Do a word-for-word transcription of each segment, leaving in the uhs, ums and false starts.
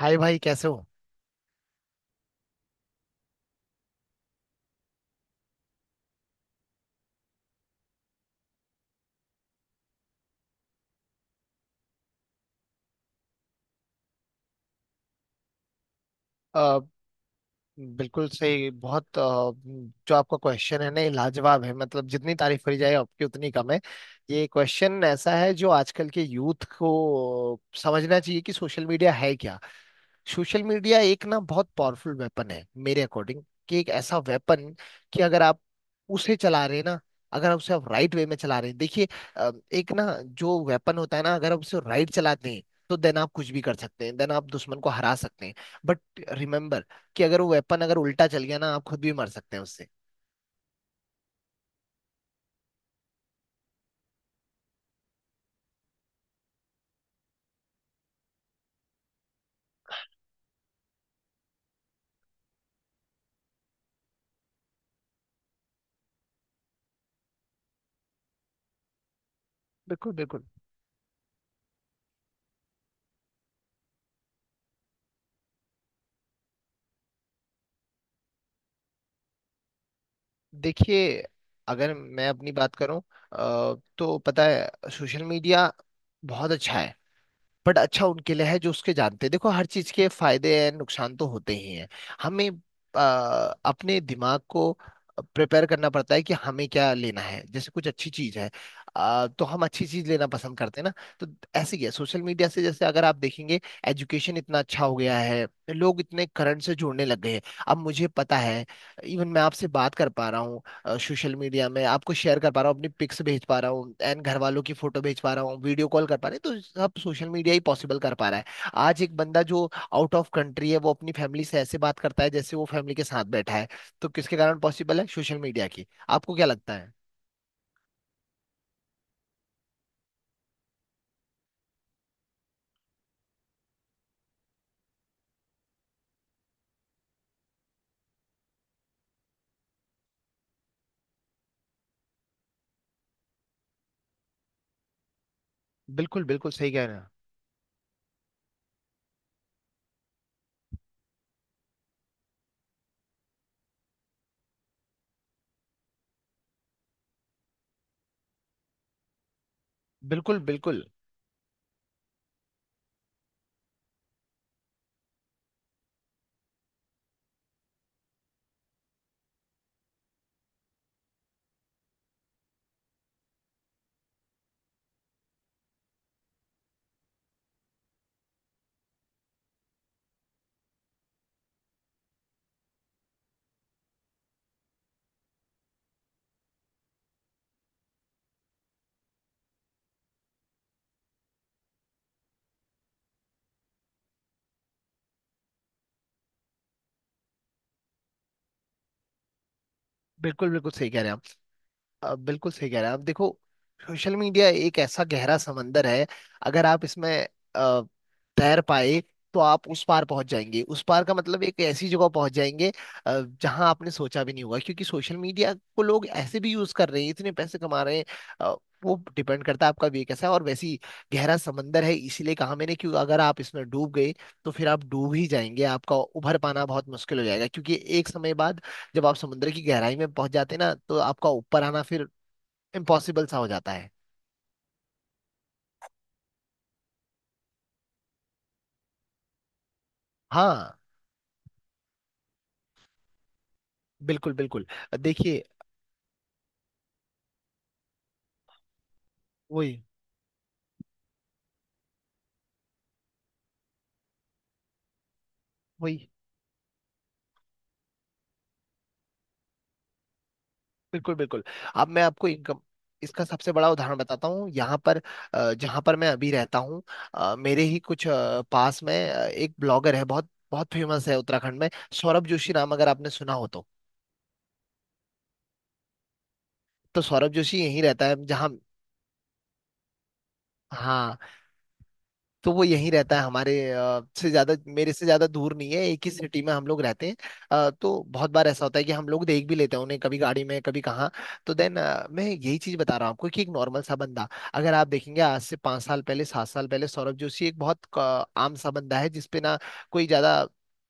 हाय भाई कैसे हो। अ, बिल्कुल सही। बहुत अ, जो आपका क्वेश्चन है ना ये लाजवाब है। मतलब जितनी तारीफ करी जाए आपकी उतनी कम है। ये क्वेश्चन ऐसा है जो आजकल के यूथ को समझना चाहिए कि सोशल मीडिया है क्या। सोशल मीडिया एक ना बहुत पावरफुल वेपन है मेरे अकॉर्डिंग। कि एक ऐसा वेपन कि अगर आप उसे चला रहे हैं ना, अगर आप उसे आप राइट वे में चला रहे हैं। देखिए, अ, एक ना जो वेपन होता है ना, अगर आप उसे राइट चलाते हैं तो देन आप कुछ भी कर सकते हैं, देन आप दुश्मन को हरा सकते हैं। बट रिमेम्बर कि अगर वो वेपन अगर उल्टा चल गया ना आप खुद भी मर सकते हैं उससे। बिल्कुल बिल्कुल। देखिए, अगर मैं अपनी बात करूं अ, तो पता है सोशल मीडिया बहुत अच्छा है। बट अच्छा उनके लिए है जो उसके जानते हैं। देखो, हर चीज के फायदे एंड नुकसान तो होते ही हैं। हमें आ, अपने दिमाग को प्रिपेयर करना पड़ता है कि हमें क्या लेना है। जैसे कुछ अच्छी चीज है आ, तो हम अच्छी चीज लेना पसंद करते हैं ना। तो ऐसे ही है सोशल मीडिया से। जैसे अगर आप देखेंगे एजुकेशन इतना अच्छा हो गया है, लोग इतने करंट से जुड़ने लग गए हैं। अब मुझे पता है, इवन मैं आपसे बात कर पा रहा हूँ, सोशल मीडिया में आपको शेयर कर पा रहा हूँ, अपनी पिक्स भेज पा रहा हूँ एंड घर वालों की फोटो भेज पा रहा हूँ, वीडियो कॉल कर पा रहे हैं, तो सब सोशल मीडिया ही पॉसिबल कर पा रहा है। आज एक बंदा जो आउट ऑफ कंट्री है वो अपनी फैमिली से ऐसे बात करता है जैसे वो फैमिली के साथ बैठा है। तो किसके कारण पॉसिबल है? सोशल मीडिया की। आपको क्या लगता है? बिल्कुल बिल्कुल सही कह रहे हैं आप। बिल्कुल बिल्कुल। बिल्कुल बिल्कुल सही कह रहे हैं आप। अब बिल्कुल सही कह रहे हैं आप। देखो, सोशल मीडिया एक ऐसा गहरा समंदर है। अगर आप इसमें अ, तैर पाए तो आप उस पार पहुंच जाएंगे। उस पार का मतलब एक ऐसी जगह पहुंच जाएंगे अ, जहां आपने सोचा भी नहीं होगा। क्योंकि सोशल मीडिया को लोग ऐसे भी यूज कर रहे हैं, इतने पैसे कमा रहे हैं। अ, वो डिपेंड करता है आपका वे कैसा है। और वैसे ही गहरा समंदर है, इसीलिए कहा मैंने कि अगर आप इसमें डूब गए तो फिर आप डूब ही जाएंगे। आपका उभर पाना बहुत मुश्किल हो जाएगा, क्योंकि एक समय बाद जब आप समुद्र की गहराई में पहुंच जाते हैं ना तो आपका ऊपर आना फिर इम्पॉसिबल सा हो जाता है। हाँ बिल्कुल बिल्कुल। देखिए, वही वही। बिल्कुल बिल्कुल। अब मैं आपको इनकम इसका सबसे बड़ा उदाहरण बताता हूँ। यहाँ पर अ, जहाँ पर मैं अभी रहता हूँ अ, मेरे ही कुछ अ, पास में अ, एक ब्लॉगर है, बहुत बहुत फेमस है उत्तराखंड में। सौरभ जोशी नाम अगर आपने सुना हो तो। तो सौरभ जोशी यहीं रहता है जहाँ। हाँ, तो वो यहीं रहता है। हमारे अ, से ज्यादा, मेरे से ज्यादा दूर नहीं है। एक ही सिटी में हम लोग रहते हैं। अ, तो बहुत बार ऐसा होता है कि हम लोग देख भी लेते हैं उन्हें, कभी गाड़ी में कभी कहाँ। तो देन मैं यही चीज बता रहा हूँ आपको कि एक नॉर्मल सा बंदा, अगर आप देखेंगे आज से पाँच साल पहले, सात साल पहले, सौरभ जोशी एक बहुत अ, आम सा बंदा है जिसपे ना कोई ज्यादा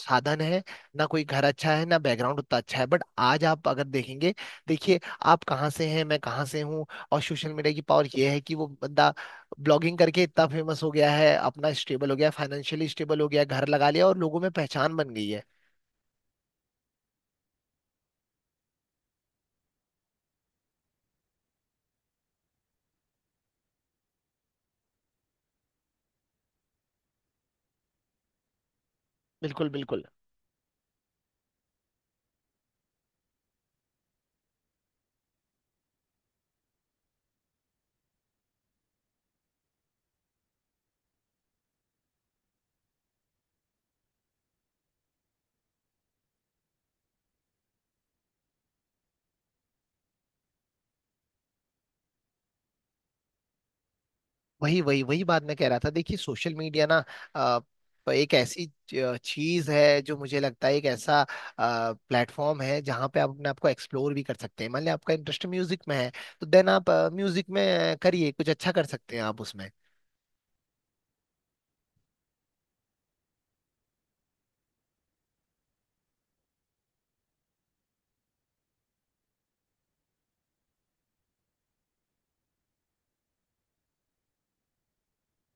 साधन है, ना कोई घर अच्छा है, ना बैकग्राउंड उतना अच्छा है। बट आज आप अगर देखेंगे, देखिए, आप कहाँ से हैं, मैं कहाँ से हूँ, और सोशल मीडिया की पावर ये है कि वो बंदा ब्लॉगिंग करके इतना फेमस हो गया है। अपना स्टेबल हो गया, फाइनेंशियली स्टेबल हो गया, घर लगा लिया, और लोगों में पहचान बन गई है। बिल्कुल बिल्कुल। वही वही वही बात मैं कह रहा था। देखिए, सोशल मीडिया ना अ, एक ऐसी चीज है जो मुझे लगता है एक ऐसा प्लेटफॉर्म है जहाँ पे आप अपने आप को एक्सप्लोर भी कर सकते हैं। मान लिया आपका इंटरेस्ट म्यूजिक में है, तो देन आप म्यूजिक में अ, करिए, कुछ अच्छा कर सकते हैं आप उसमें।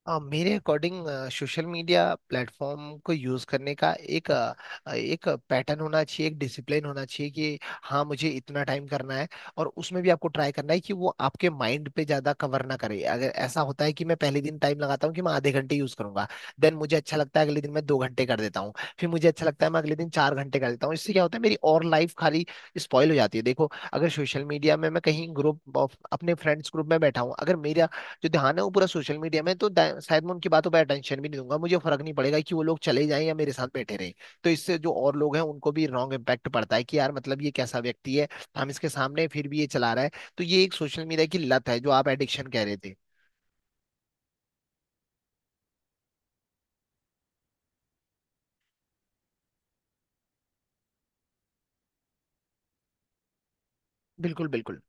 अ, मेरे अकॉर्डिंग सोशल मीडिया प्लेटफॉर्म को यूज़ करने का एक अ, अ, एक पैटर्न होना चाहिए, एक डिसिप्लिन होना चाहिए कि हाँ मुझे इतना टाइम करना है। और उसमें भी आपको ट्राई करना है कि वो आपके माइंड पे ज़्यादा कवर ना करे। अगर ऐसा होता है कि मैं पहले दिन टाइम लगाता हूँ कि मैं आधे घंटे यूज़ करूंगा, देन मुझे अच्छा लगता है, अगले दिन मैं दो घंटे कर देता हूँ, फिर मुझे अच्छा लगता है, मैं अगले दिन चार घंटे कर देता हूँ, इससे क्या होता है मेरी और लाइफ खाली स्पॉइल हो जाती है। देखो, अगर सोशल मीडिया में मैं कहीं ग्रुप अपने फ्रेंड्स ग्रुप में बैठा हूँ, अगर मेरा जो ध्यान है वो पूरा सोशल मीडिया में है, तो दा- शायद मैं उनकी बातों पर अटेंशन भी नहीं दूंगा। मुझे फर्क नहीं पड़ेगा कि वो लोग चले जाएं या मेरे साथ बैठे रहें। तो इससे जो और लोग हैं उनको भी रॉन्ग इम्पैक्ट पड़ता है कि यार मतलब ये कैसा व्यक्ति है, हम इसके सामने हैं, फिर भी ये चला रहा है। तो ये एक सोशल मीडिया की लत है जो आप एडिक्शन कह रहे थे। बिल्कुल बिल्कुल।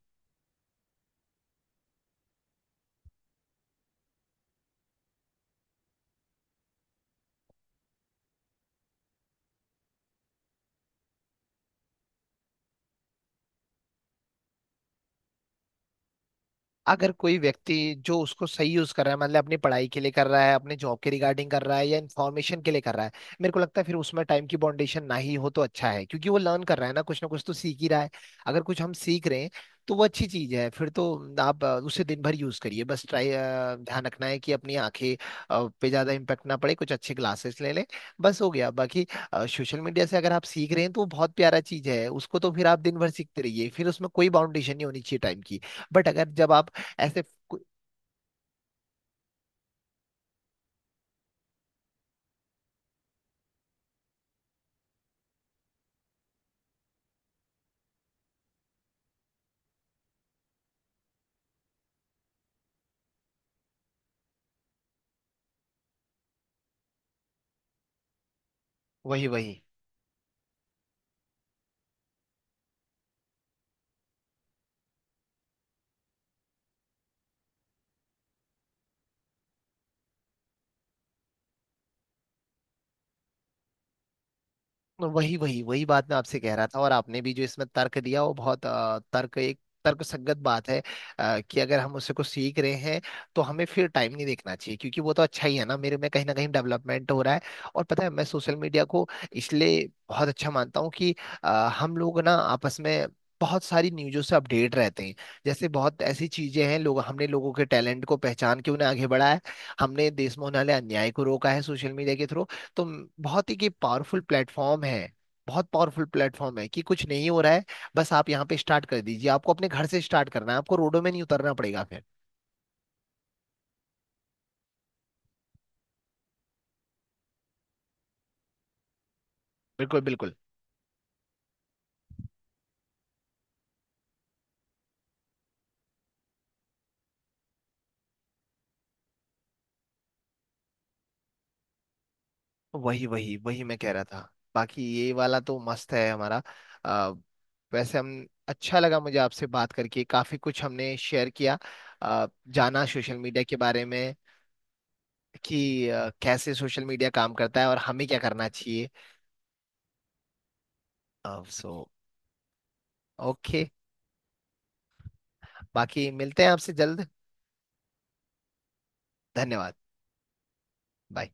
अगर कोई व्यक्ति जो उसको सही यूज कर रहा है, मतलब अपनी पढ़ाई के लिए कर रहा है, अपने जॉब के रिगार्डिंग कर रहा है, या इन्फॉर्मेशन के लिए कर रहा है, मेरे को लगता है फिर उसमें टाइम की बाउंडेशन ना ही हो तो अच्छा है। क्योंकि वो लर्न कर रहा है ना, कुछ ना कुछ तो सीख ही रहा है। अगर कुछ हम सीख रहे हैं तो वो अच्छी चीज है। फिर तो आप अ, उसे दिन भर यूज करिए। बस ट्राई ध्यान रखना है कि अपनी आंखें अ, पे ज्यादा इम्पेक्ट ना पड़े, कुछ अच्छे ग्लासेस ले लें, बस हो गया। बाकी सोशल मीडिया से अगर आप सीख रहे हैं तो वो बहुत प्यारा चीज है उसको। तो फिर आप दिन भर सीखते रहिए, फिर उसमें कोई बाउंडेशन नहीं होनी चाहिए टाइम की। बट अगर जब आप ऐसे कु- वही वही वही वही वही बात मैं आपसे कह रहा था। और आपने भी जो इसमें तर्क दिया वो बहुत अ, तर्क एक तर्क संगत बात है। अ, कि अगर हम उससे कुछ सीख रहे हैं तो हमें फिर टाइम नहीं देखना चाहिए, क्योंकि वो तो अच्छा ही है ना, मेरे में कहीं ना कहीं डेवलपमेंट हो रहा है। और पता है, मैं सोशल मीडिया को इसलिए बहुत अच्छा मानता हूँ कि अ, हम लोग ना आपस में बहुत सारी न्यूज़ों से अपडेट रहते हैं। जैसे बहुत ऐसी चीजें हैं, लोग, हमने लोगों के टैलेंट को पहचान के उन्हें आगे बढ़ाया है, हमने देश में होने वाले अन्याय को रोका है सोशल मीडिया के थ्रू। तो बहुत ही कि पावरफुल प्लेटफॉर्म है, बहुत पावरफुल प्लेटफॉर्म है, कि कुछ नहीं हो रहा है, बस आप यहाँ पे स्टार्ट कर दीजिए। आपको अपने घर से स्टार्ट करना है, आपको रोडों में नहीं उतरना पड़ेगा फिर। बिल्कुल बिल्कुल। वही वही वही मैं कह रहा था। बाकी ये वाला तो मस्त है हमारा। आ, वैसे हम, अच्छा लगा मुझे आपसे बात करके। काफी कुछ हमने शेयर किया, आ, जाना सोशल मीडिया के बारे में कि आ, कैसे सोशल मीडिया काम करता है और हमें क्या करना चाहिए। सो, ओके। बाकी मिलते हैं आपसे जल्द। धन्यवाद। बाय।